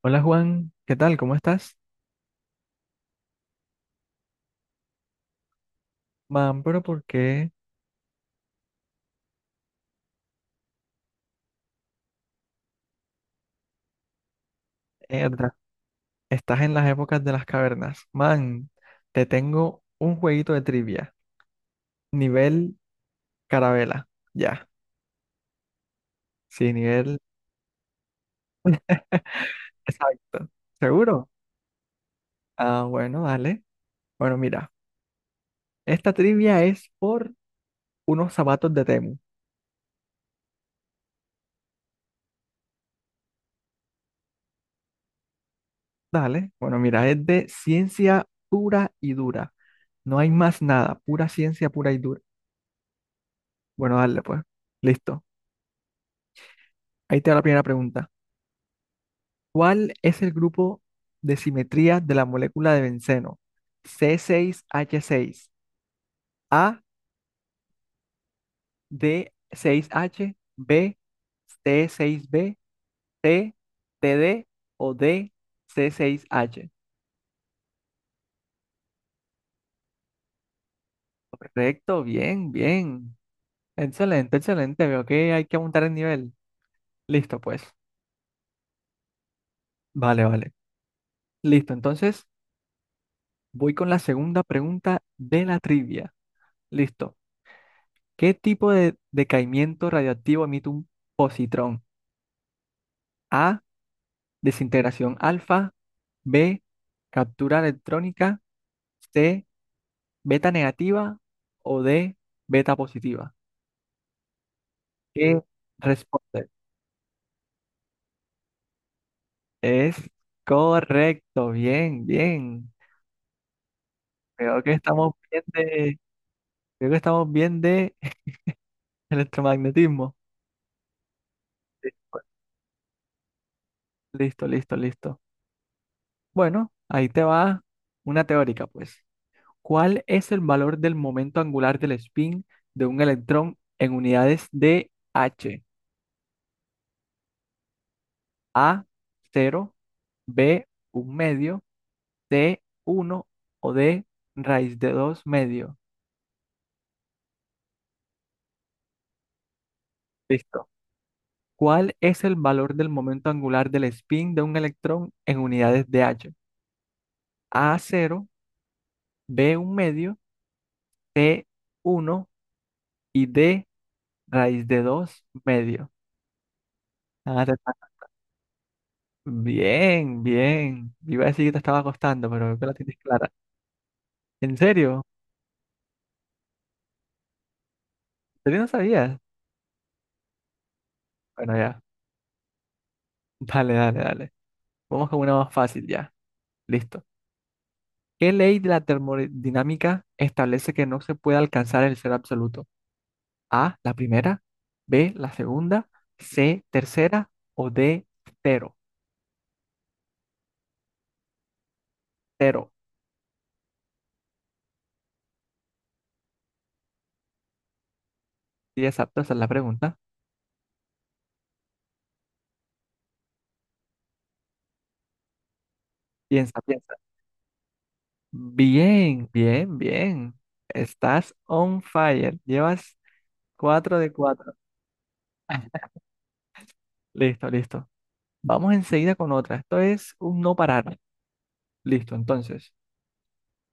Hola Juan, ¿qué tal? ¿Cómo estás? Man, pero ¿por qué Erda, estás en las épocas de las cavernas? Man, te tengo un jueguito de trivia, nivel carabela, ya, sí, nivel exacto. ¿Seguro? Ah, bueno, dale. Bueno, mira, esta trivia es por unos zapatos de Temu. Dale, bueno, mira, es de ciencia pura y dura. No hay más nada, pura ciencia pura y dura. Bueno, dale pues, listo. Ahí te va la primera pregunta. ¿Cuál es el grupo de simetría de la molécula de benceno? C seis h seis A, d seis h B, t seis b T, TD o D, c seis h Correcto, bien, bien. Excelente, excelente. Veo que hay que aumentar el nivel. Listo, pues. Vale, vale. Listo, entonces voy con la segunda pregunta de la trivia. Listo. ¿Qué tipo de decaimiento radioactivo emite un positrón? A. Desintegración alfa, B, captura electrónica, C, beta negativa o D, beta positiva. ¿Qué responde? Es correcto, bien, bien. Creo que estamos bien de, Creo que estamos bien de electromagnetismo. Sí, pues, listo, listo, listo. Bueno, ahí te va una teórica, pues. ¿Cuál es el valor del momento angular del spin de un electrón en unidades de H? A cero, B un medio, C uno o D raíz de 2 medio. Listo. ¿Cuál es el valor del momento angular del spin de un electrón en unidades de H? A cero, B un medio, C uno y D raíz de 2 medio. Ah, te falta. Bien, bien. Iba a decir que te estaba costando, pero veo que la tienes clara. ¿En serio? ¿En serio no sabías? Bueno, ya. Dale, dale, dale. Vamos con una más fácil ya. Listo. ¿Qué ley de la termodinámica establece que no se puede alcanzar el cero absoluto? A, la primera, B, la segunda, C, tercera o D, cero. Cero. Sí, exacto, esa es la pregunta. Piensa, piensa. Bien, bien, bien. Estás on fire. Llevas cuatro de cuatro. Listo, listo. Vamos enseguida con otra. Esto es un no parar. Listo, entonces.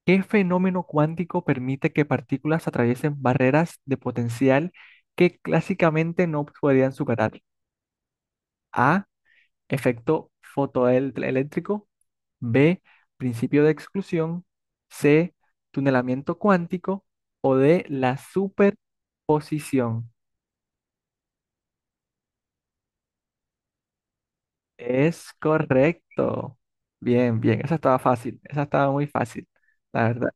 ¿Qué fenómeno cuántico permite que partículas atraviesen barreras de potencial que clásicamente no podrían superar? A. Efecto fotoeléctrico. B. Principio de exclusión. C. Tunelamiento cuántico. O D. La superposición. Es correcto. Bien, bien. Esa estaba fácil. Esa estaba muy fácil. La verdad.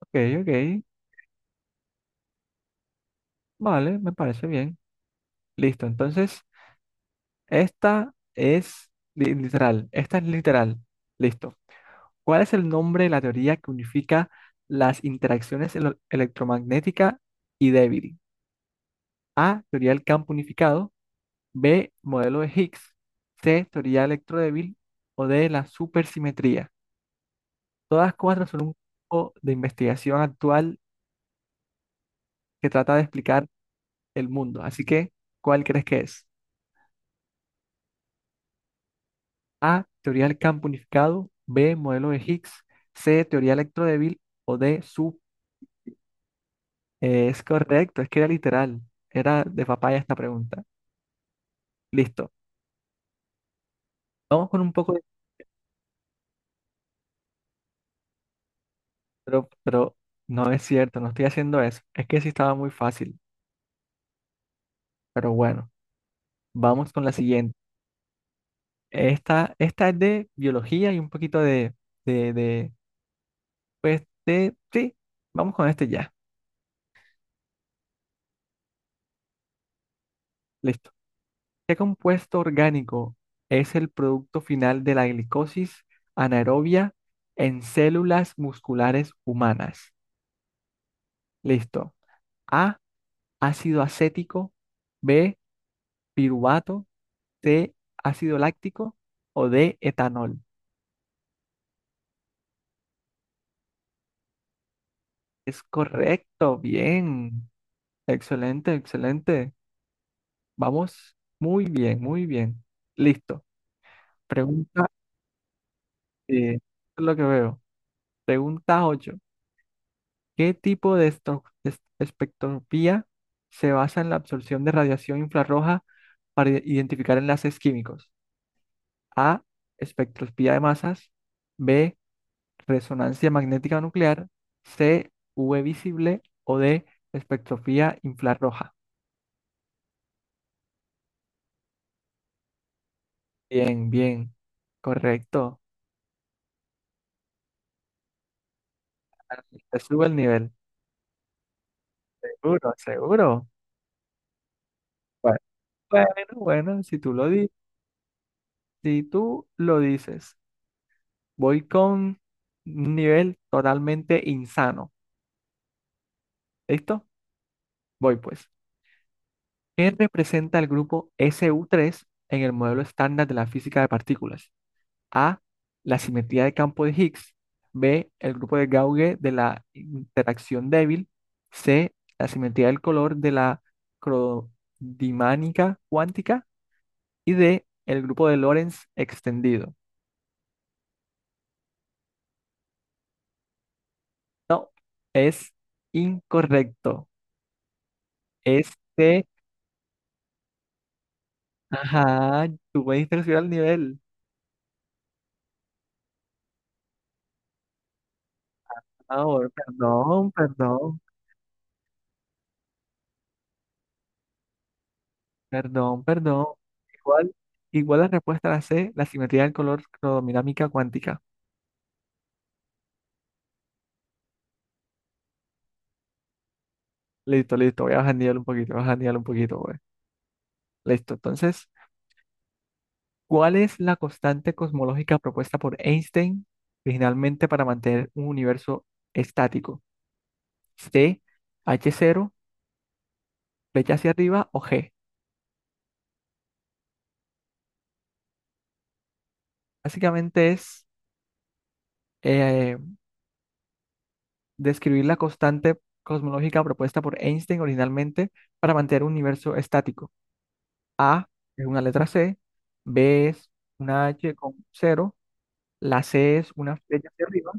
Ok, ok. Vale, me parece bien. Listo. Entonces. Literal, esta es literal. Listo. ¿Cuál es el nombre de la teoría que unifica las interacciones electromagnética y débil? A, teoría del campo unificado, B, modelo de Higgs, C, teoría electrodébil o D, la supersimetría. Todas cuatro son un poco de investigación actual que trata de explicar el mundo. Así que, ¿cuál crees que es? A, teoría del campo unificado, B, modelo de Higgs, C, teoría electrodébil o D, SUP. Es correcto, es que era literal, era de papaya esta pregunta. Listo, vamos con un poco de... Pero no es cierto, no estoy haciendo eso. Es que sí estaba muy fácil, pero bueno, vamos con la siguiente. Esta es de biología y un poquito de, de, de, sí, vamos con este ya. Listo. ¿Qué compuesto orgánico es el producto final de la glicosis anaerobia en células musculares humanas? Listo. A, ácido acético, B, piruvato, C, ácido láctico o D, etanol. Es correcto, bien. Excelente, excelente. Vamos muy bien, muy bien. Listo. Pregunta, es lo que veo. Pregunta 8. ¿Qué tipo de espectroscopía se basa en la absorción de radiación infrarroja para identificar enlaces químicos? A. Espectroscopía de masas. B. Resonancia magnética nuclear. C. UV visible. O D. Espectroscopía infrarroja. Bien, bien. Correcto. Te sube el nivel. Seguro, seguro. Bueno, bueno, bueno, si tú lo di- si tú lo dices, voy con un nivel totalmente insano. ¿Listo? Voy pues. ¿Qué representa el grupo SU3 en el modelo estándar de la física de partículas? A. La simetría de campo de Higgs. B. El grupo de Gauge de la interacción débil. C. La simetría del color de la crodinámica cuántica. Y D. El grupo de Lorentz extendido. No, es incorrecto. Este, ajá, tú me diste que subir al nivel. Ahora, perdón, perdón. Perdón, perdón. Igual, igual la respuesta a la C, la simetría del color cromodinámica cuántica. Listo, listo. Voy a bajanearlo un poquito, voy a bajanearlo un poquito, güey. Listo. Entonces, ¿cuál es la constante cosmológica propuesta por Einstein originalmente para mantener un universo estático? C, h cero, flecha hacia arriba o G. Básicamente es eh, describir la constante cosmológica propuesta por Einstein originalmente para mantener un universo estático. A es una letra C, B es una H con cero, la C es una flecha hacia arriba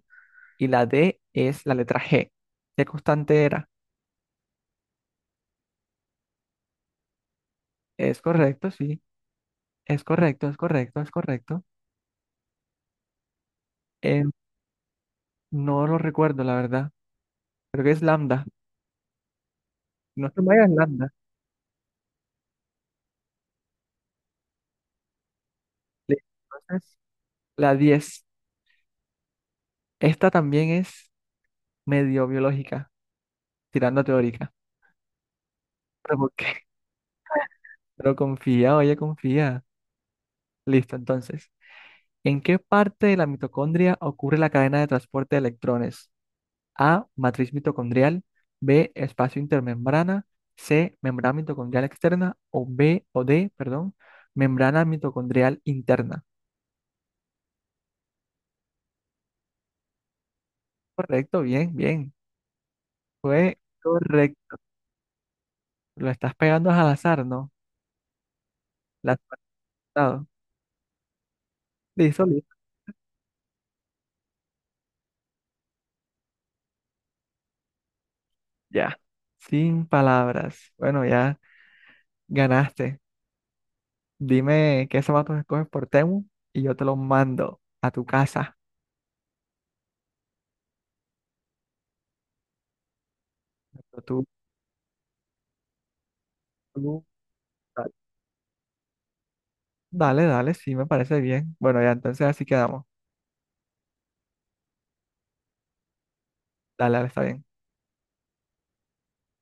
y la D es la letra G. ¿Qué constante era? Es correcto, sí, es correcto, es correcto, es correcto. Eh, no lo recuerdo, la verdad. Creo que es lambda. No se me es lambda. Listo, entonces, la 10. Esta también es medio biológica, tirando a teórica. ¿Pero por qué? Pero confía, oye, confía. Listo, entonces. ¿En qué parte de la mitocondria ocurre la cadena de transporte de electrones? A. Matriz mitocondrial. B. Espacio intermembrana. C. Membrana mitocondrial externa. O B o D, perdón, membrana mitocondrial interna. Correcto, bien, bien. Fue correcto. Lo estás pegando al azar, ¿no? La has pasado. Listo, listo. Ya. Sin palabras. Bueno, ya ganaste. Dime qué zapatos escoges por Temu y yo te los mando a tu casa. Tú, tú, Dale, dale, sí, me parece bien. Bueno, ya entonces así quedamos. Dale, dale, está bien.